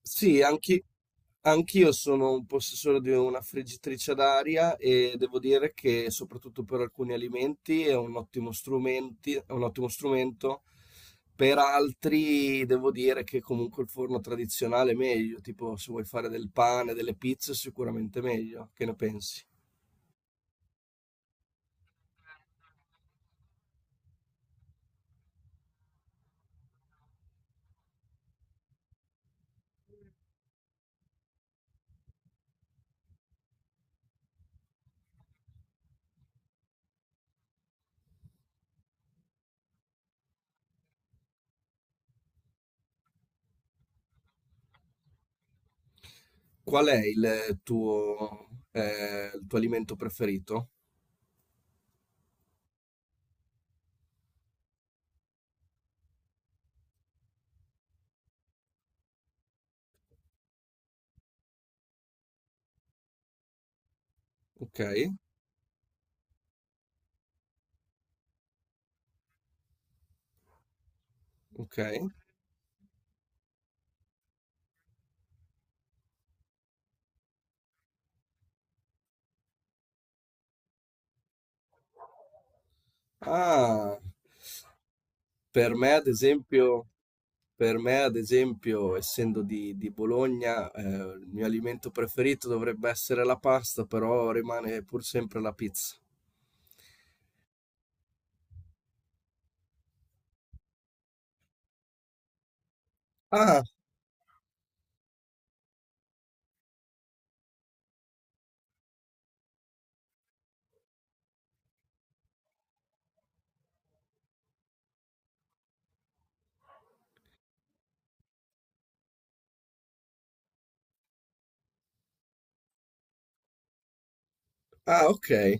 Sì, anch'io sono un possessore di una friggitrice d'aria e devo dire che soprattutto per alcuni alimenti è un ottimo è un ottimo strumento, per altri devo dire che comunque il forno tradizionale è meglio, tipo se vuoi fare del pane, delle pizze, sicuramente meglio. Che ne pensi? Qual è il tuo alimento preferito? Ok, ok. Ah, per me ad esempio... Per me, ad esempio, essendo di Bologna, il mio alimento preferito dovrebbe essere la pasta, però rimane pur sempre la pizza. Ah, ah, ok.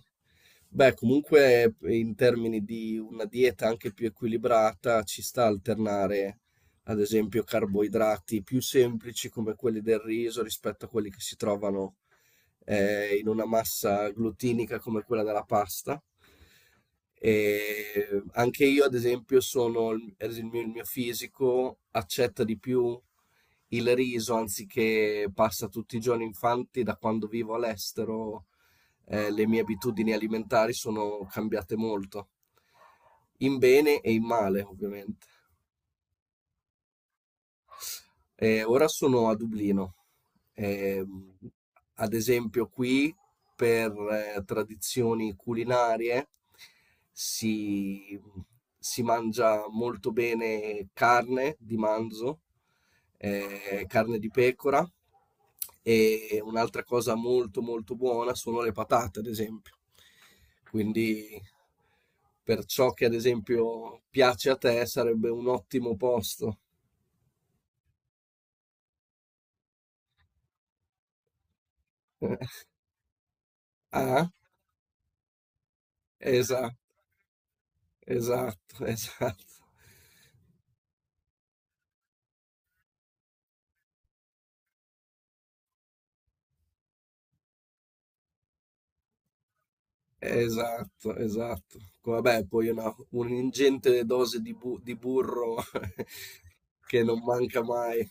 Beh, comunque in termini di una dieta anche più equilibrata ci sta alternare, ad esempio, carboidrati più semplici come quelli del riso rispetto a quelli che si trovano in una massa glutinica come quella della pasta. E anche io, ad esempio, sono, ad esempio, il mio fisico accetta di più il riso anziché pasta tutti i giorni. Infatti, da quando vivo all'estero le mie abitudini alimentari sono cambiate molto, in bene e in male, ovviamente. Ora sono a Dublino. Ehm, ad esempio, qui per tradizioni culinarie si, si mangia molto bene carne di manzo, carne di pecora e un'altra cosa molto molto buona sono le patate, ad esempio. Quindi per ciò che ad esempio piace a te sarebbe un ottimo posto. Ah? Esatto, esatto, esatto. Esatto, esatto. Vabbè, poi un'ingente dose di burro che non manca mai.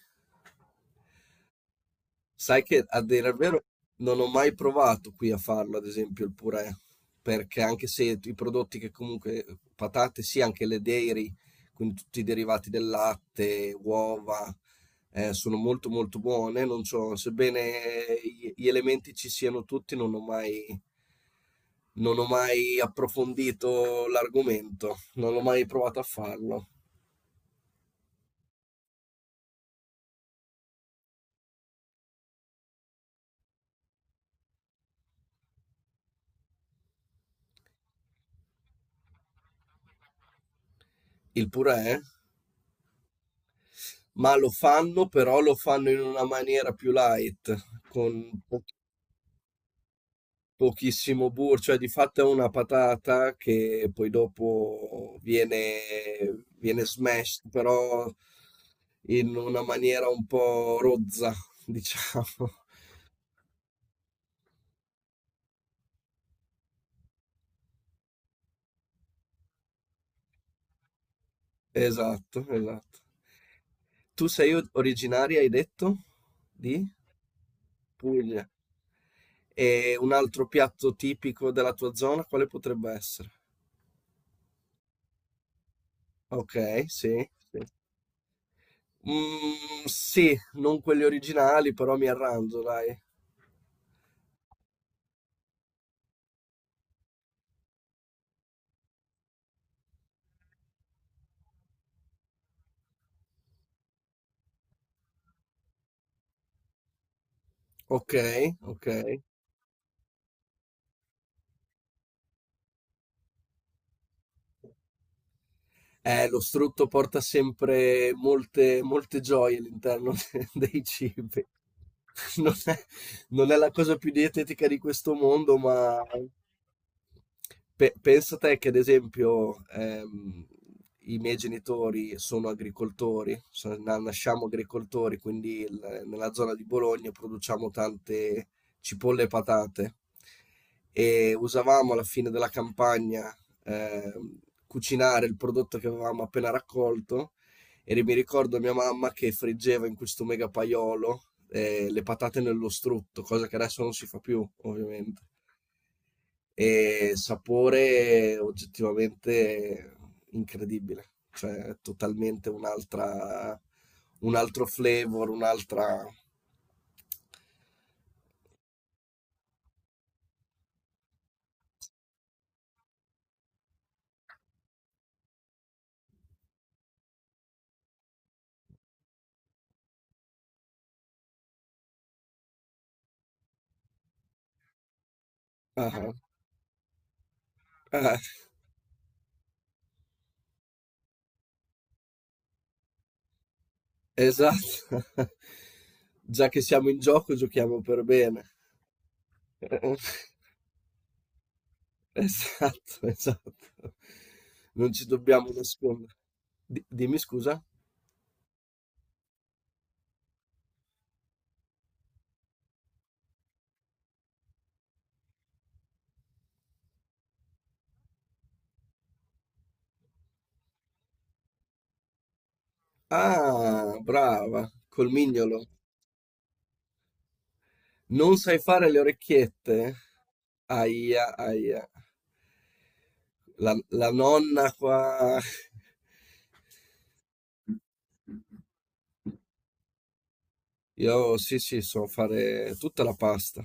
Sai che a dire il vero non ho mai provato qui a farlo, ad esempio il purè, perché anche se i prodotti che comunque, patate sì, anche le dairy, quindi tutti i derivati del latte, uova, sono molto molto buone, non so, sebbene gli elementi ci siano tutti, non ho mai, non ho mai approfondito l'argomento, non ho mai provato a farlo. Il purè? Ma lo fanno, però lo fanno in una maniera più light, con pochissimo burro, cioè di fatto è una patata che poi dopo viene, viene smashed, però in una maniera un po' rozza, diciamo. Esatto, esatto. Tu sei originaria, hai detto, di Puglia. E un altro piatto tipico della tua zona, quale potrebbe essere? Ok, sì, sì. Mm, sì, non quelli originali, però mi arrangio, dai. Ok, ok. Lo strutto porta sempre molte, molte gioie all'interno dei cibi. Non è, non è la cosa più dietetica di questo mondo, ma pensa te che, ad esempio, i miei genitori sono agricoltori, nasciamo agricoltori, quindi nella zona di Bologna produciamo tante cipolle e patate. E usavamo alla fine della campagna eh, cucinare il prodotto che avevamo appena raccolto e mi ricordo mia mamma che friggeva in questo mega paiolo le patate nello strutto, cosa che adesso non si fa più, ovviamente. E sapore oggettivamente incredibile, cioè totalmente un altro flavor, un'altra... Ah, ah, Esatto. Già che siamo in gioco, giochiamo per bene. Esatto, esatto. Non ci dobbiamo nascondere. Dimmi scusa. Ah, brava, col mignolo. Non sai fare le orecchiette? Aia, aia. La nonna qua. Io sì, sì, so fare tutta la pasta,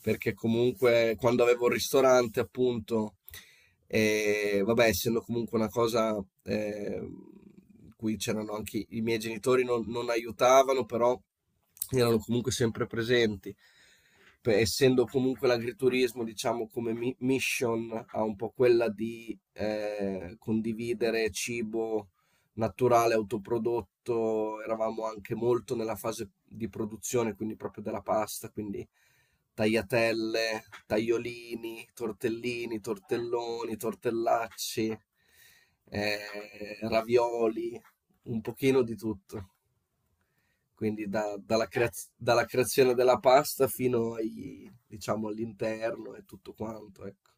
perché comunque quando avevo il ristorante, appunto, vabbè, essendo comunque una cosa in cui c'erano anche i miei genitori, non aiutavano, però erano comunque sempre presenti. Essendo comunque l'agriturismo, diciamo, come mission, ha un po' quella di condividere cibo naturale, autoprodotto, eravamo anche molto nella fase di produzione, quindi proprio della pasta, quindi tagliatelle, tagliolini, tortellini, tortelloni, tortellacci, ravioli, un pochino di tutto. Quindi dalla creazione della pasta fino diciamo, all'interno e tutto quanto, ecco.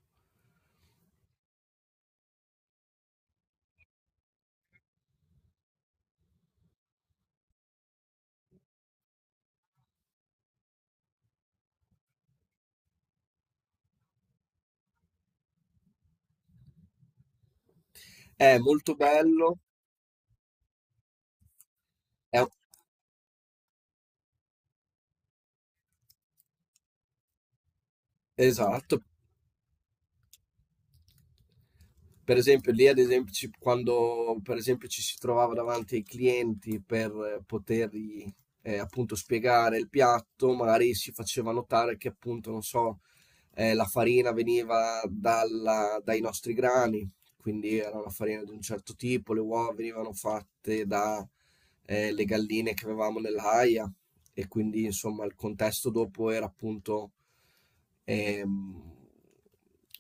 È molto bello, è, esatto. Per esempio, lì, ad esempio, quando per esempio, ci si trovava davanti ai clienti per potergli appunto spiegare il piatto, magari si faceva notare che appunto, non so, la farina veniva dai nostri grani, quindi era una farina di un certo tipo, le uova venivano fatte da le galline che avevamo nell'aia e quindi insomma il contesto dopo era appunto ehm,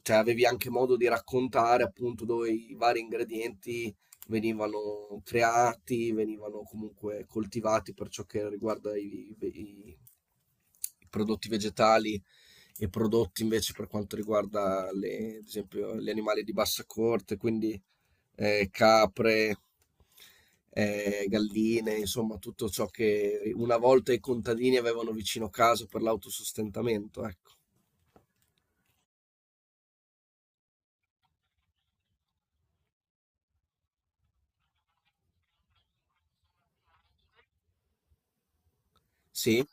cioè avevi anche modo di raccontare appunto dove i vari ingredienti venivano creati, venivano comunque coltivati per ciò che riguarda i prodotti vegetali e prodotti invece per quanto riguarda ad esempio gli animali di bassa corte, quindi capre, galline, insomma tutto ciò che una volta i contadini avevano vicino casa per l'autosostentamento, ecco. Sì,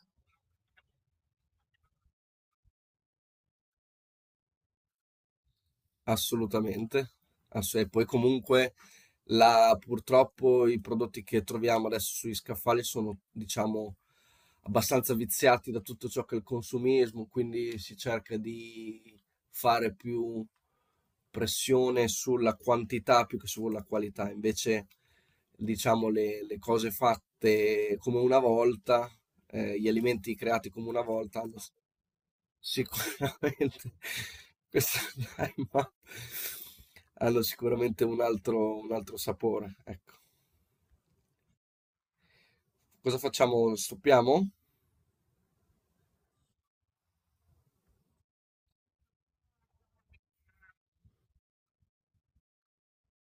assolutamente. E poi comunque purtroppo i prodotti che troviamo adesso sugli scaffali sono, diciamo, abbastanza viziati da tutto ciò che è il consumismo, quindi si cerca di fare più pressione sulla quantità più che sulla qualità. Invece, diciamo, le cose fatte come una volta, gli alimenti creati come una volta hanno Sicuramente questo hanno sicuramente un altro sapore, ecco. Cosa facciamo, stoppiamo?